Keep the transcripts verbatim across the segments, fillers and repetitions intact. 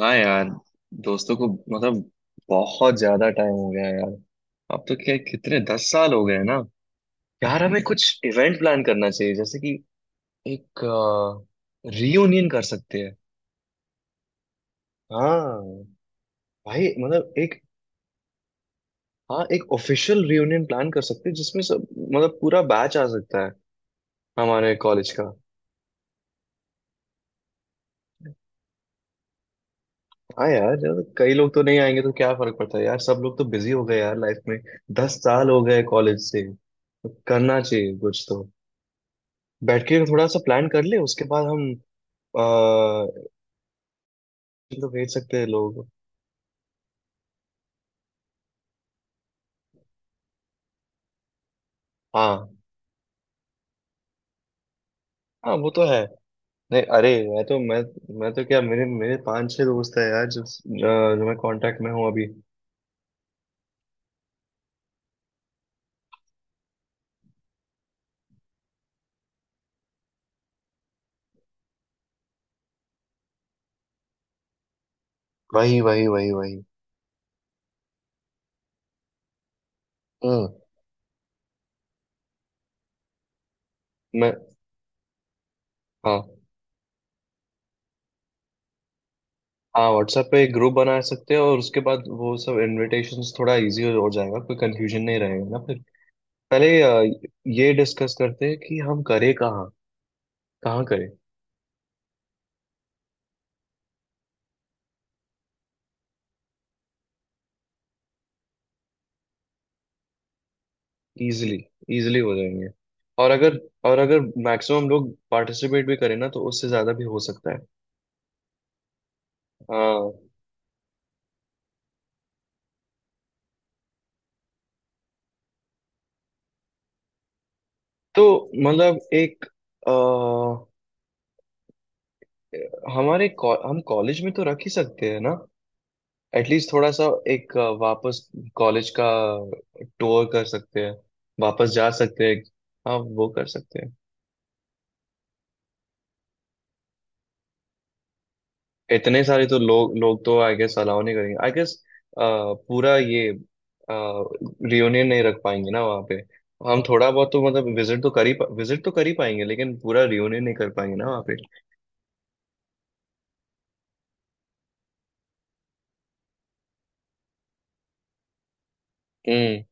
हाँ यार दोस्तों को मतलब बहुत ज्यादा टाइम हो गया है यार। अब तो क्या कितने दस साल हो गए हैं ना। यार हमें कुछ इवेंट प्लान करना चाहिए जैसे कि एक रियूनियन कर सकते हैं। हाँ भाई मतलब एक। हाँ, एक ऑफिशियल रियूनियन प्लान कर सकते हैं जिसमें सब मतलब पूरा बैच आ सकता है हमारे कॉलेज का। हाँ यार जब कई लोग तो नहीं आएंगे तो क्या फर्क पड़ता है यार, सब लोग तो बिजी हो गए यार लाइफ में। दस साल हो गए कॉलेज से तो करना चाहिए कुछ तो। बैठ के थोड़ा सा प्लान कर ले उसके बाद हम आ, तो भेज सकते हैं लोग। हाँ हाँ वो तो है। नहीं अरे मैं तो मैं मैं तो क्या मेरे मेरे पांच छह दोस्त है यार जो जो जो मैं कांटेक्ट में हूँ अभी। वही वही वही वही। हम्म मैं हाँ हाँ व्हाट्सएप पे एक ग्रुप बना सकते हैं और उसके बाद वो सब इनविटेशंस थोड़ा इजी हो जाएगा, कोई कंफ्यूजन नहीं रहेगा ना फिर। पहले अ, ये डिस्कस करते हैं कि हम करें कहाँ। कहाँ करें। इजीली इजीली हो जाएंगे। और अगर और अगर मैक्सिमम लोग पार्टिसिपेट भी करें ना तो उससे ज्यादा भी हो सकता है। हाँ। तो मतलब एक अ, हमारे कॉ- हम कॉलेज में तो रख ही सकते हैं ना। एटलीस्ट थोड़ा सा एक अ, वापस कॉलेज का टूर कर सकते हैं। वापस जा सकते हैं। हाँ वो कर सकते हैं। इतने सारे तो लोग लोग तो आई गेस अलाउ नहीं करेंगे आई गेस। पूरा ये रियूनियन नहीं रख पाएंगे ना वहाँ पे। हम थोड़ा बहुत तो मतलब विजिट तो कर ही विजिट तो कर ही पाएंगे लेकिन पूरा रियूनियन नहीं कर पाएंगे ना वहाँ पे। हम्म।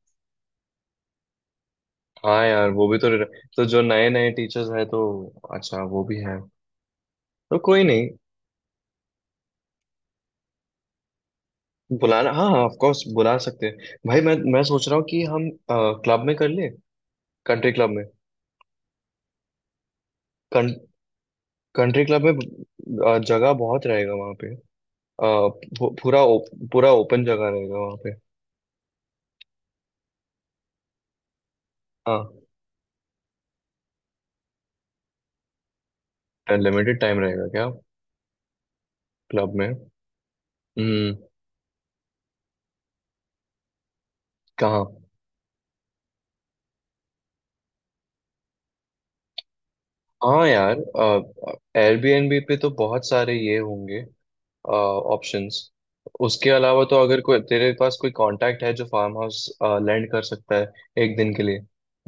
हाँ यार वो भी तो रह- तो जो नए नए टीचर्स हैं तो। अच्छा वो भी है। तो कोई नहीं बुलाना, हाँ हाँ ऑफ कोर्स बुला सकते हैं। भाई मैं मैं सोच रहा हूँ कि हम क्लब में कर ले। कंट्री क्लब में। कंट्री क्लब में अ, जगह बहुत रहेगा वहाँ पे। अ, पू- पूरा ओप, पूरा ओपन जगह रहेगा वहाँ पे। हाँ। अनलिमिटेड टाइम रहेगा क्या क्लब में। हम्म। कहाँ। हाँ यार एयरबीएनबी पे तो बहुत सारे ये होंगे ऑप्शंस। उसके अलावा तो अगर कोई तेरे पास कोई कांटेक्ट है जो फार्म हाउस लैंड कर सकता है एक दिन के लिए।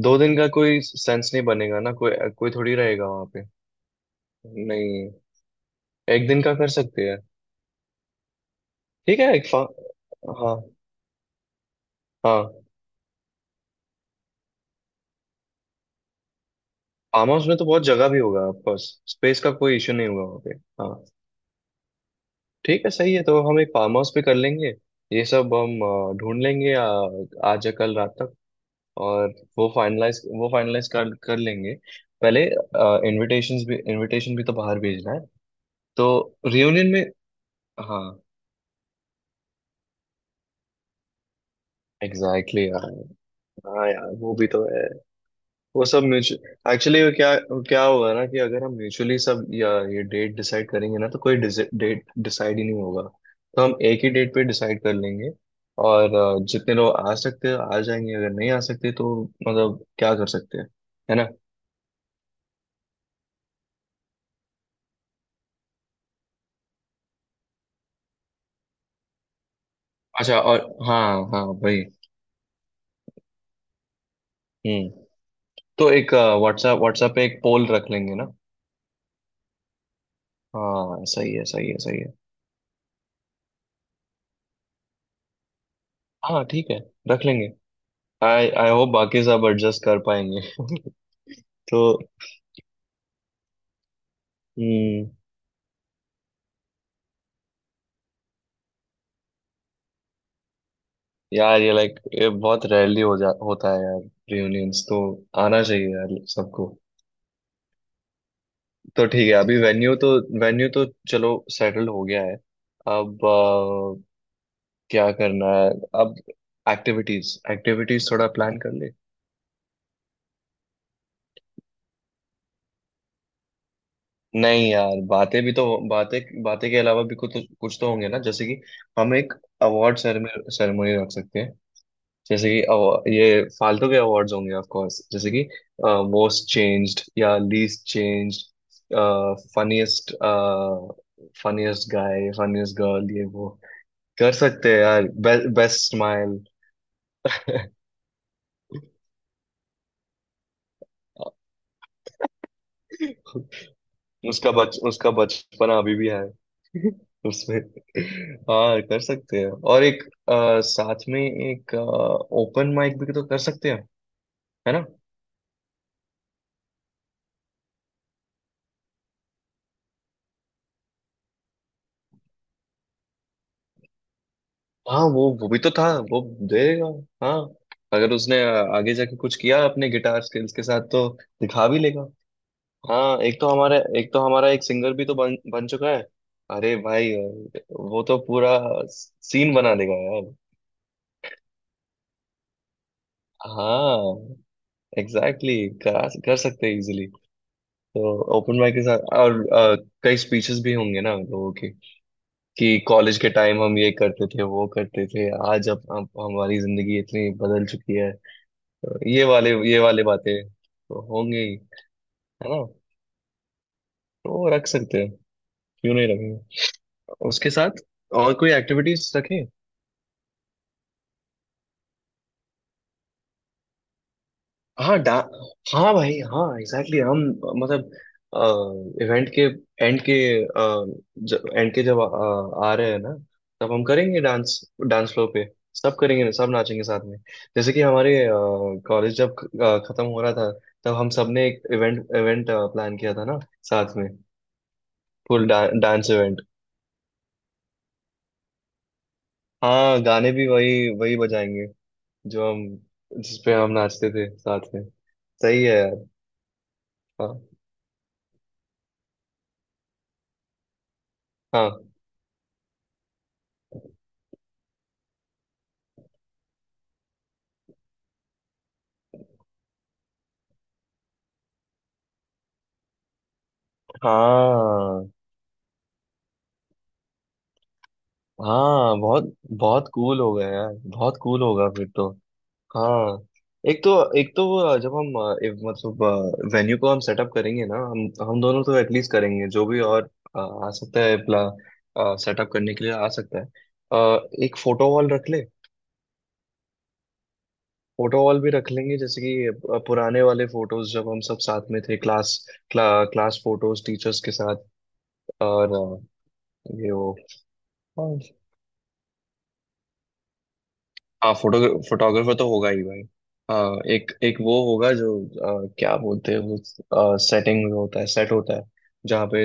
दो दिन का कोई सेंस नहीं बनेगा ना, कोई कोई थोड़ी रहेगा वहाँ पे। नहीं, एक दिन का कर सकते हैं। ठीक है एक फा हाँ हाँ। फार्म हाउस में तो बहुत जगह भी होगा ऑफ कोर्स। स्पेस का कोई इश्यू नहीं होगा वहाँ पे। हाँ ठीक है सही है, तो हम एक फार्म हाउस पे कर लेंगे। ये सब हम अ, ढूंढ लेंगे अ, आज या कल रात तक। और वो फाइनलाइज वो फाइनलाइज कर कर लेंगे पहले। इनविटेशंस भी इनविटेशन भी तो बाहर भेजना है, तो रियूनियन में। हाँ एग्जैक्टली यार। हाँ यार वो भी तो है। वो सब म्यूचुअल एक्चुअली क्या। क्या होगा ना कि अगर हम म्यूचुअली सब या ये डेट डिसाइड करेंगे ना तो कोई डेट डिसाइड ही नहीं होगा। तो हम एक ही डेट पे डिसाइड कर लेंगे। और अ, जितने लोग आ सकते हैं आ जाएंगे, अगर नहीं आ सकते तो मतलब क्या कर सकते हैं, है ना। अच्छा और। हाँ हाँ भाई। हम्म। तो एक व्हाट्सएप व्हाट्सएप पे एक पोल रख लेंगे ना। हाँ सही है सही है सही है। हाँ ठीक है रख लेंगे। आई आई होप बाकी सब एडजस्ट कर पाएंगे। तो। हम्म यार ये लाइक ये बहुत रेयरली हो जा होता है यार, रियूनियंस तो। आना चाहिए यार सबको। तो ठीक है अभी वेन्यू तो वेन्यू तो चलो सेटल हो गया है। अब अ, क्या करना है। अब एक्टिविटीज एक्टिविटीज थोड़ा प्लान कर ले। नहीं यार बातें भी तो, बातें बातें के अलावा भी कुछ तो कुछ तो होंगे ना जैसे कि हम एक अवार्ड सेरेमनी सेरेमनी रख सकते हैं। जैसे कि अवा- ये फालतू के अवार्ड्स होंगे ऑफ कोर्स, जैसे कि मोस्ट चेंज्ड या least changed. Funniest funniest guy, funniest girl, ये वो कर सकते हैं यार। Best smile. उसका बच उसका बचपना अभी भी है। उसमें। हाँ कर सकते हैं, और एक अ, साथ में एक ओपन माइक भी तो कर सकते हैं, है ना। हाँ वो वो भी तो था। वो देगा। हाँ अगर उसने आगे जाके कुछ किया अपने गिटार स्किल्स के साथ तो दिखा भी लेगा। हाँ एक तो हमारा एक तो हमारा एक सिंगर भी तो बन बन चुका है। अरे भाई। वो तो पूरा सीन बना देगा यार। हाँ एग्जैक्टली exactly, कर, कर सकते हैं इजीली। तो ओपन माइक के साथ और अ, कई स्पीचेस भी होंगे ना लोगों के कि कॉलेज के टाइम हम ये करते थे वो करते थे, आज अब अब हमारी जिंदगी इतनी बदल चुकी है। तो ये वाले ये वाले बातें तो होंगे ही, है ना। तो वो रख सकते हैं, क्यों नहीं रखेंगे उसके साथ। और कोई एक्टिविटीज रखें। हाँ डा हाँ भाई हाँ एग्जैक्टली exactly, हम मतलब इवेंट के एंड के एंड के जब अ, आ रहे हैं ना, तब हम करेंगे डांस। डांस फ्लोर पे सब करेंगे, सब नाचेंगे साथ में। जैसे कि हमारे कॉलेज जब अ, खत्म हो रहा था तब हम सबने एक इवेंट इवेंट प्लान किया था ना साथ में। फुल डा, डांस इवेंट। हाँ गाने भी वही वही बजाएंगे जो हम, जिस पे हम नाचते थे साथ में। सही है यार। हाँ हाँ हाँ हाँ, बहुत बहुत कूल होगा यार, बहुत कूल होगा फिर तो। हाँ एक तो एक तो वो जब हम अ, एक मतलब वेन्यू को हम सेटअप करेंगे ना, हम हम दोनों तो एटलीस्ट करेंगे जो भी और अ, आ सकता है प्ला सेटअप करने के लिए आ सकता है, अ, एक फोटो वॉल रख ले। फोटो वॉल भी रख लेंगे जैसे कि अ, पुराने वाले फोटोज जब हम सब साथ में थे क्लास। क्ला, क्लास फोटोज टीचर्स के साथ। और अ, ये वो। हाँ फोटो फोटोग्राफर तो होगा ही भाई। हाँ एक एक वो होगा जो अ, क्या बोलते हैं, वो सेटिंग होता है, सेट होता है जहाँ पे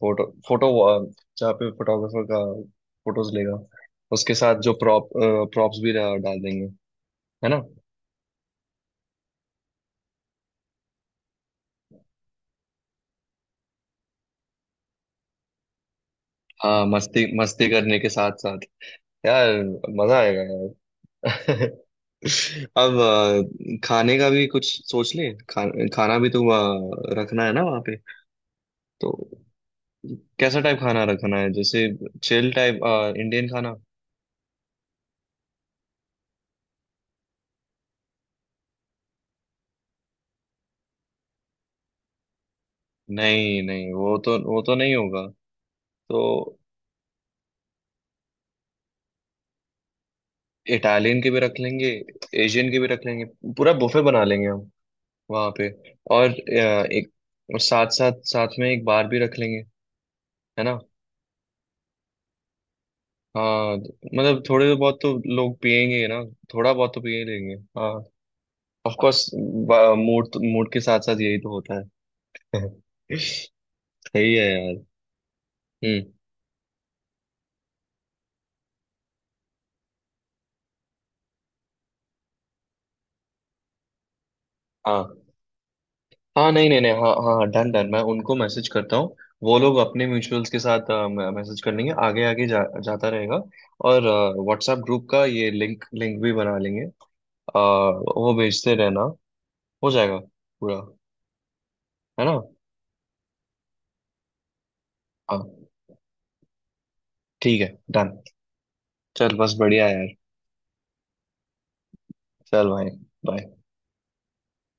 फोटो फोटो जहाँ पे फोटोग्राफर का फोटोज लेगा। उसके साथ जो प्रॉप प्रॉप्स भी डा- डाल देंगे, है ना। हाँ मस्ती मस्ती करने के साथ साथ यार मजा आएगा यार। अब अ, खाने का भी कुछ सोच ले, खा, खाना भी तो वहाँ रखना है ना वहाँ पे। तो कैसा टाइप खाना रखना है, जैसे चिल टाइप इंडियन खाना। नहीं नहीं, वो तो वो तो नहीं होगा। तो इटालियन के भी रख लेंगे, एशियन के भी रख लेंगे, पूरा बुफे बना लेंगे हम वहाँ पे। और अ, एक और साथ साथ साथ में एक बार भी रख लेंगे, है ना। हाँ मतलब थोड़े बहुत तो लोग पियेंगे ना। थोड़ा बहुत तो पिए लेंगे ऑफ कोर्स। मूड मूड के साथ साथ यही तो होता है। सही है यार। हम्म। हाँ हाँ, नहीं नहीं नहीं, हाँ हाँ, डन डन, मैं उनको मैसेज करता हूँ। वो लोग अपने म्यूचुअल्स के साथ मैसेज कर लेंगे, आगे आगे जा, जाता रहेगा। और व्हाट्सएप ग्रुप का ये लिंक लिंक भी बना लेंगे, अ, वो भेजते रहना, हो जाएगा पूरा, है ना। हाँ ठीक है डन। चल बस बढ़िया है यार। चल भाई। बाय।